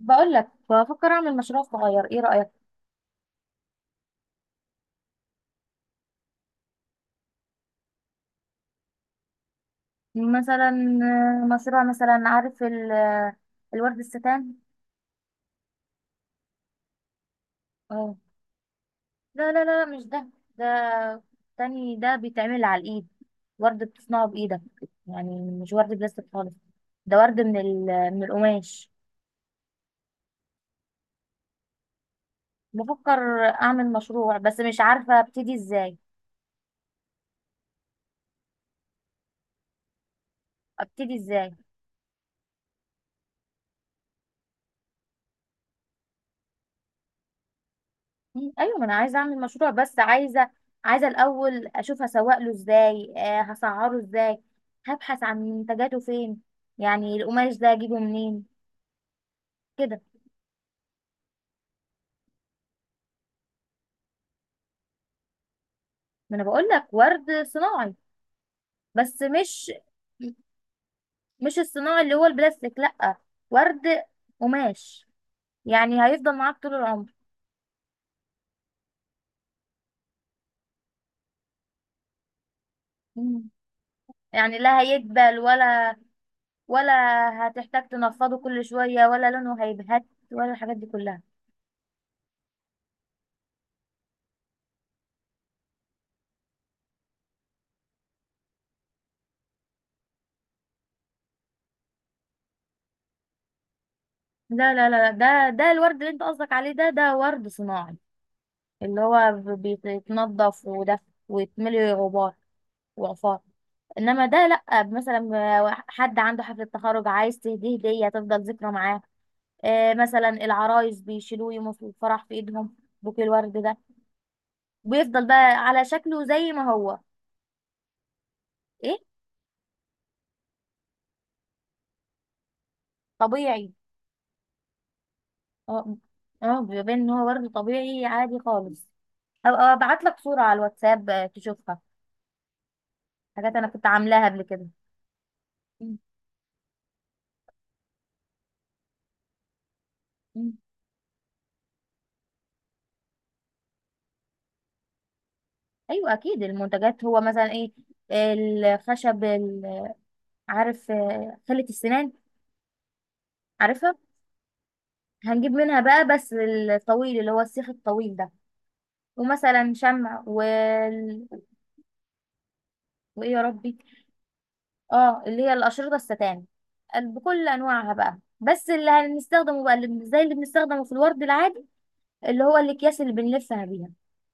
بقول لك بفكر اعمل مشروع صغير، ايه رأيك؟ مثلا مشروع مثلا عارف الورد الستان. اه. لا لا لا، مش ده. ده تاني، ده بيتعمل على الايد. ورد بتصنعه بايدك، يعني مش ورد بلاستيك خالص. ده ورد من القماش. بفكر اعمل مشروع، بس مش عارفة ابتدي ازاي. ابتدي ازاي؟ ايوه، ما انا عايزه اعمل مشروع بس عايزه الاول اشوف هسوق له ازاي، هسعره ازاي. هبحث عن منتجاته فين، يعني القماش ده اجيبه منين، كده. ما انا بقول لك ورد صناعي، بس مش الصناعي اللي هو البلاستيك، لا. ورد قماش، يعني هيفضل معاك طول العمر. مم. يعني لا هيدبل ولا هتحتاج تنفضه كل شويه، ولا لونه هيبهت، ولا الحاجات دي كلها. لا لا لا لا، ده الورد اللي انت قصدك عليه، ده ورد صناعي. اللي هو بيتنضف، وده ويتملي غبار وعفار. انما ده لا، مثلا حد عنده حفلة تخرج عايز تهديه هدية تفضل ذكرى معاه. آه، مثلا العرايس بيشيلوه يوم في الفرح في ايدهم. بوكيه الورد ده بيفضل بقى على شكله زي ما هو. ايه. طبيعي. اه. اه، بيبان ان هو ورد طبيعي عادي خالص. هبقى ابعت لك صورة على الواتساب، تشوفها. حاجات انا كنت عاملاها قبل كده. ايوه اكيد، المنتجات هو مثلا ايه؟ الخشب عارف، خلة السنان. عارفها؟ هنجيب منها بقى، بس الطويل اللي هو السيخ الطويل ده. ومثلا شمع وايه يا ربي. اه، اللي هي الاشرطة الستان، بكل انواعها بقى، بس اللي هنستخدمه بقى اللي زي اللي بنستخدمه في الورد العادي، اللي هو الاكياس اللي بنلفها بيها،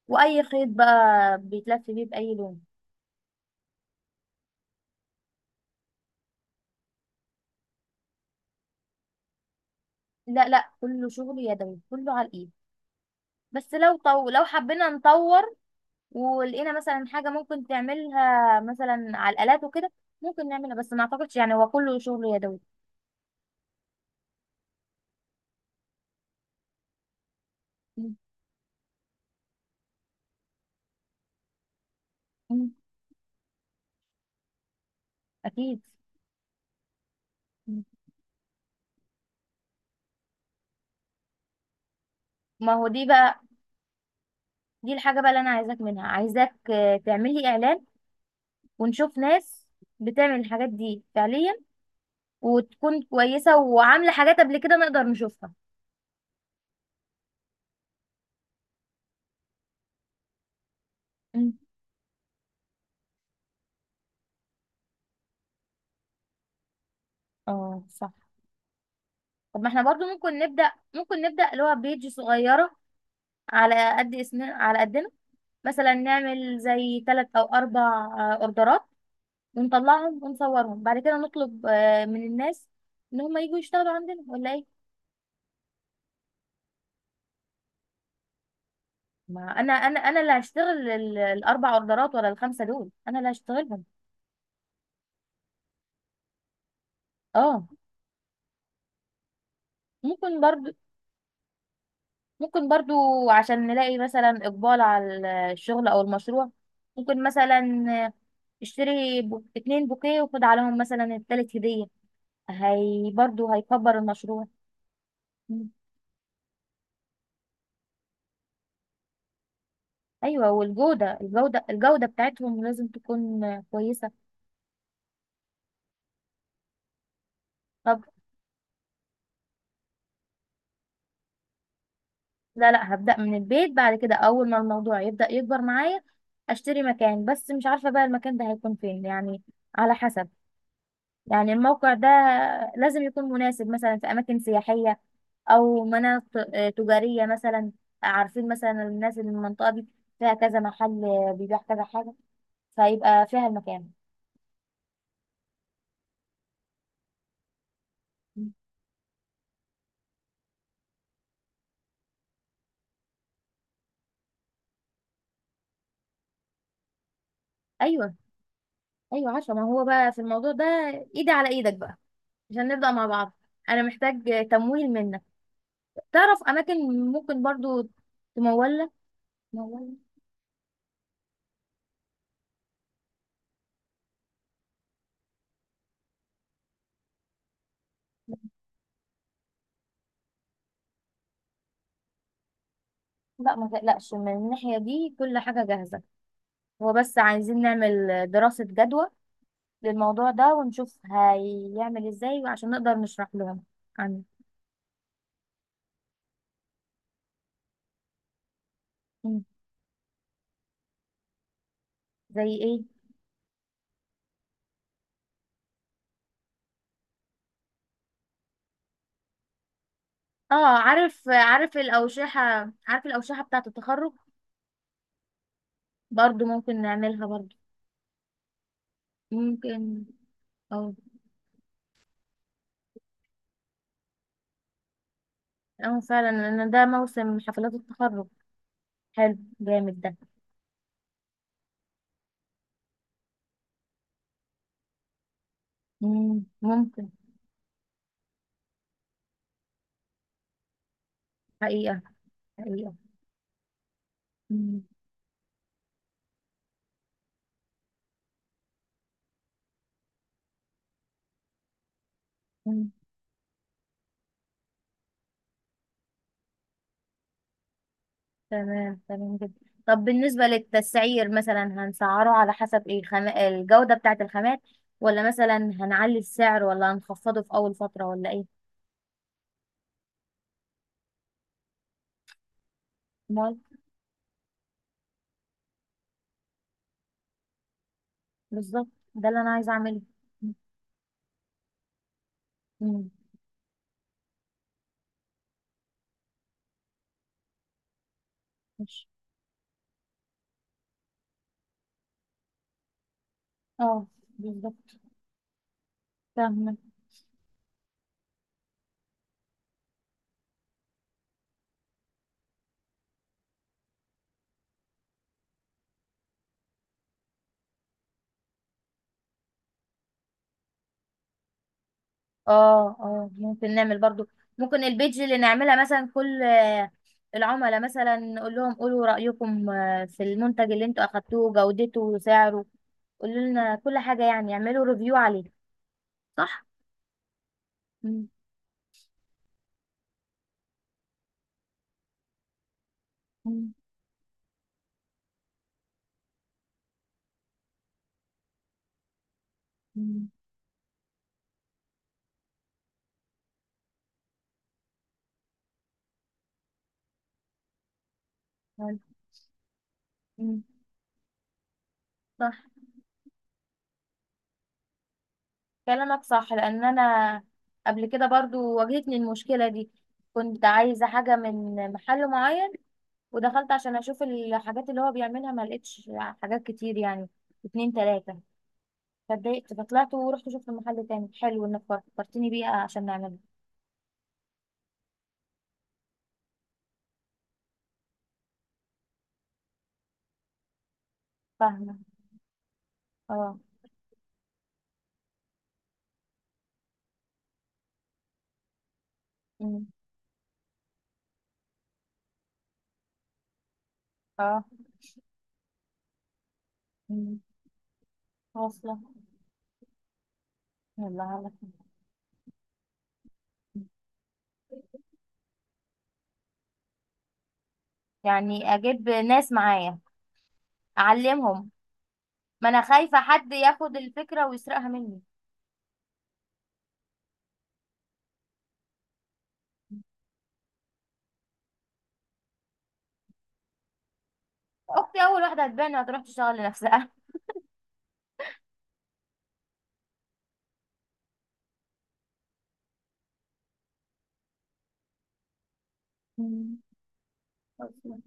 واي خيط بقى بيتلف بيه باي لون. لا لا، كله شغل يدوي، كله على الايد. بس لو حبينا نطور ولقينا مثلا حاجة ممكن تعملها مثلا على الآلات وكده، ممكن نعملها، بس ما أعتقدش، يعني هو كله شغل يدوي. مم. مم. أكيد. مم. ما هو دي بقى، دي الحاجة بقى اللي أنا عايزاك منها، عايزاك تعمل لي إعلان، ونشوف ناس بتعمل الحاجات دي فعليا وتكون كويسة وعاملة حاجات قبل كده نقدر نشوفها. مم. اه صح. طب ما احنا برضو ممكن نبدأ اللي هو بيج صغيرة، على قد اسمنا على قدنا. مثلا نعمل زي 3 أو 4 أوردرات ونطلعهم ونصورهم، بعد كده نطلب من الناس ان هم يجوا يشتغلوا عندنا ولا ايه. ما انا اللي هشتغل الاربع اوردرات ولا الخمسه دول، انا اللي هشتغلهم. اه. ممكن برضو. ممكن برضو. عشان نلاقي مثلا اقبال على الشغل او المشروع. ممكن مثلا، اشتري 2 بوكيه وخد عليهم مثلا التالت هديه، هي برضو هيكبر المشروع. مم. ايوه، والجوده الجوده الجوده بتاعتهم لازم تكون كويسه. طب. لا لا، هبدأ من البيت، بعد كده أول ما الموضوع يبدأ يكبر معايا أشتري مكان، بس مش عارفة بقى المكان ده هيكون فين يعني، على حسب. يعني الموقع ده لازم يكون مناسب مثلا في أماكن سياحية، أو مناطق تجارية مثلا. عارفين مثلا الناس اللي من المنطقة دي، فيها كذا محل بيبيع كذا حاجة، فيبقى فيها المكان. أيوه. أيوه عارفة، ما هو بقى في الموضوع ده إيدي على إيدك بقى عشان نبدأ مع بعض. أنا محتاج تمويل منك. تعرف اماكن ممكن برضو تمولة مولة. لا، ما تقلقش من الناحية دي، كل حاجة جاهزة. هو بس عايزين نعمل دراسة جدوى للموضوع ده، ونشوف هيعمل ازاي عشان نقدر نشرح لهم عنه. مم. زي ايه؟ اه، عارف الأوشحة. عارف الأوشحة بتاعة التخرج. برضو ممكن نعملها برضو. ممكن. اه. اه فعلا، لأن ده موسم حفلات التخرج. حلو جامد ده. مم. ممكن. حقيقة. حقيقة. مم. تمام تمام جدا. طب بالنسبة للتسعير، مثلا هنسعره على حسب ايه؟ الجودة بتاعة الخامات؟ ولا مثلا هنعلي السعر، ولا هنخفضه في أول فترة، ولا ايه؟ مال. بالظبط، ده اللي أنا عايزة أعمله. مم. ماشي. اه. بالظبط. فاهمة. اه، اه، ممكن نعمل برضو. ممكن البيج اللي نعملها، مثلا كل العملاء مثلا نقول لهم قولوا رأيكم في المنتج اللي انتوا أخدتوه، جودته وسعره، قولوا لنا كل حاجة، يعني اعملوا ريفيو عليه. صح. مم. مم. مم. حلو. مم. صح، كلامك صح لان انا قبل كده برضو واجهتني المشكله دي. كنت عايزه حاجه من محل معين، ودخلت عشان اشوف الحاجات اللي هو بيعملها ما لقيتش حاجات كتير، يعني اتنين تلاته، فاتضايقت، فطلعت ورحت شفت محل تاني حلو انك فكرتني بيه عشان نعمله. فاهمه. اه. مم. اه. مم. واصله. يلا يلا. يعني اجيب ناس معايا اعلمهم؟ ما انا خايفه حد ياخد الفكره ويسرقها مني. اختي اول واحده هتبان، هتروح تشتغل لنفسها. مم. أصلاً.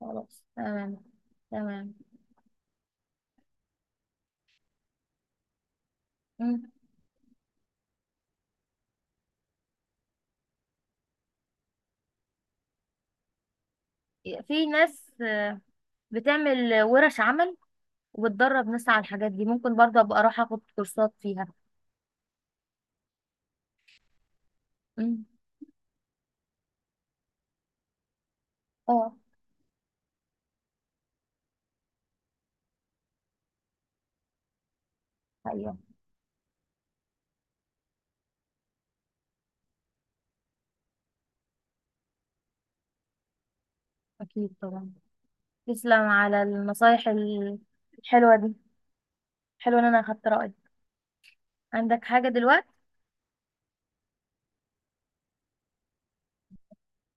خلاص تمام. تمام. مم. في ناس بتعمل ورش عمل، وبتدرب ناس على الحاجات دي، ممكن برضه ابقى اروح اخد كورسات فيها. مم. اه. ايوه اكيد طبعا. تسلم على النصايح الحلوه دي. حلو ان انا اخدت رايك. عندك حاجه دلوقتي؟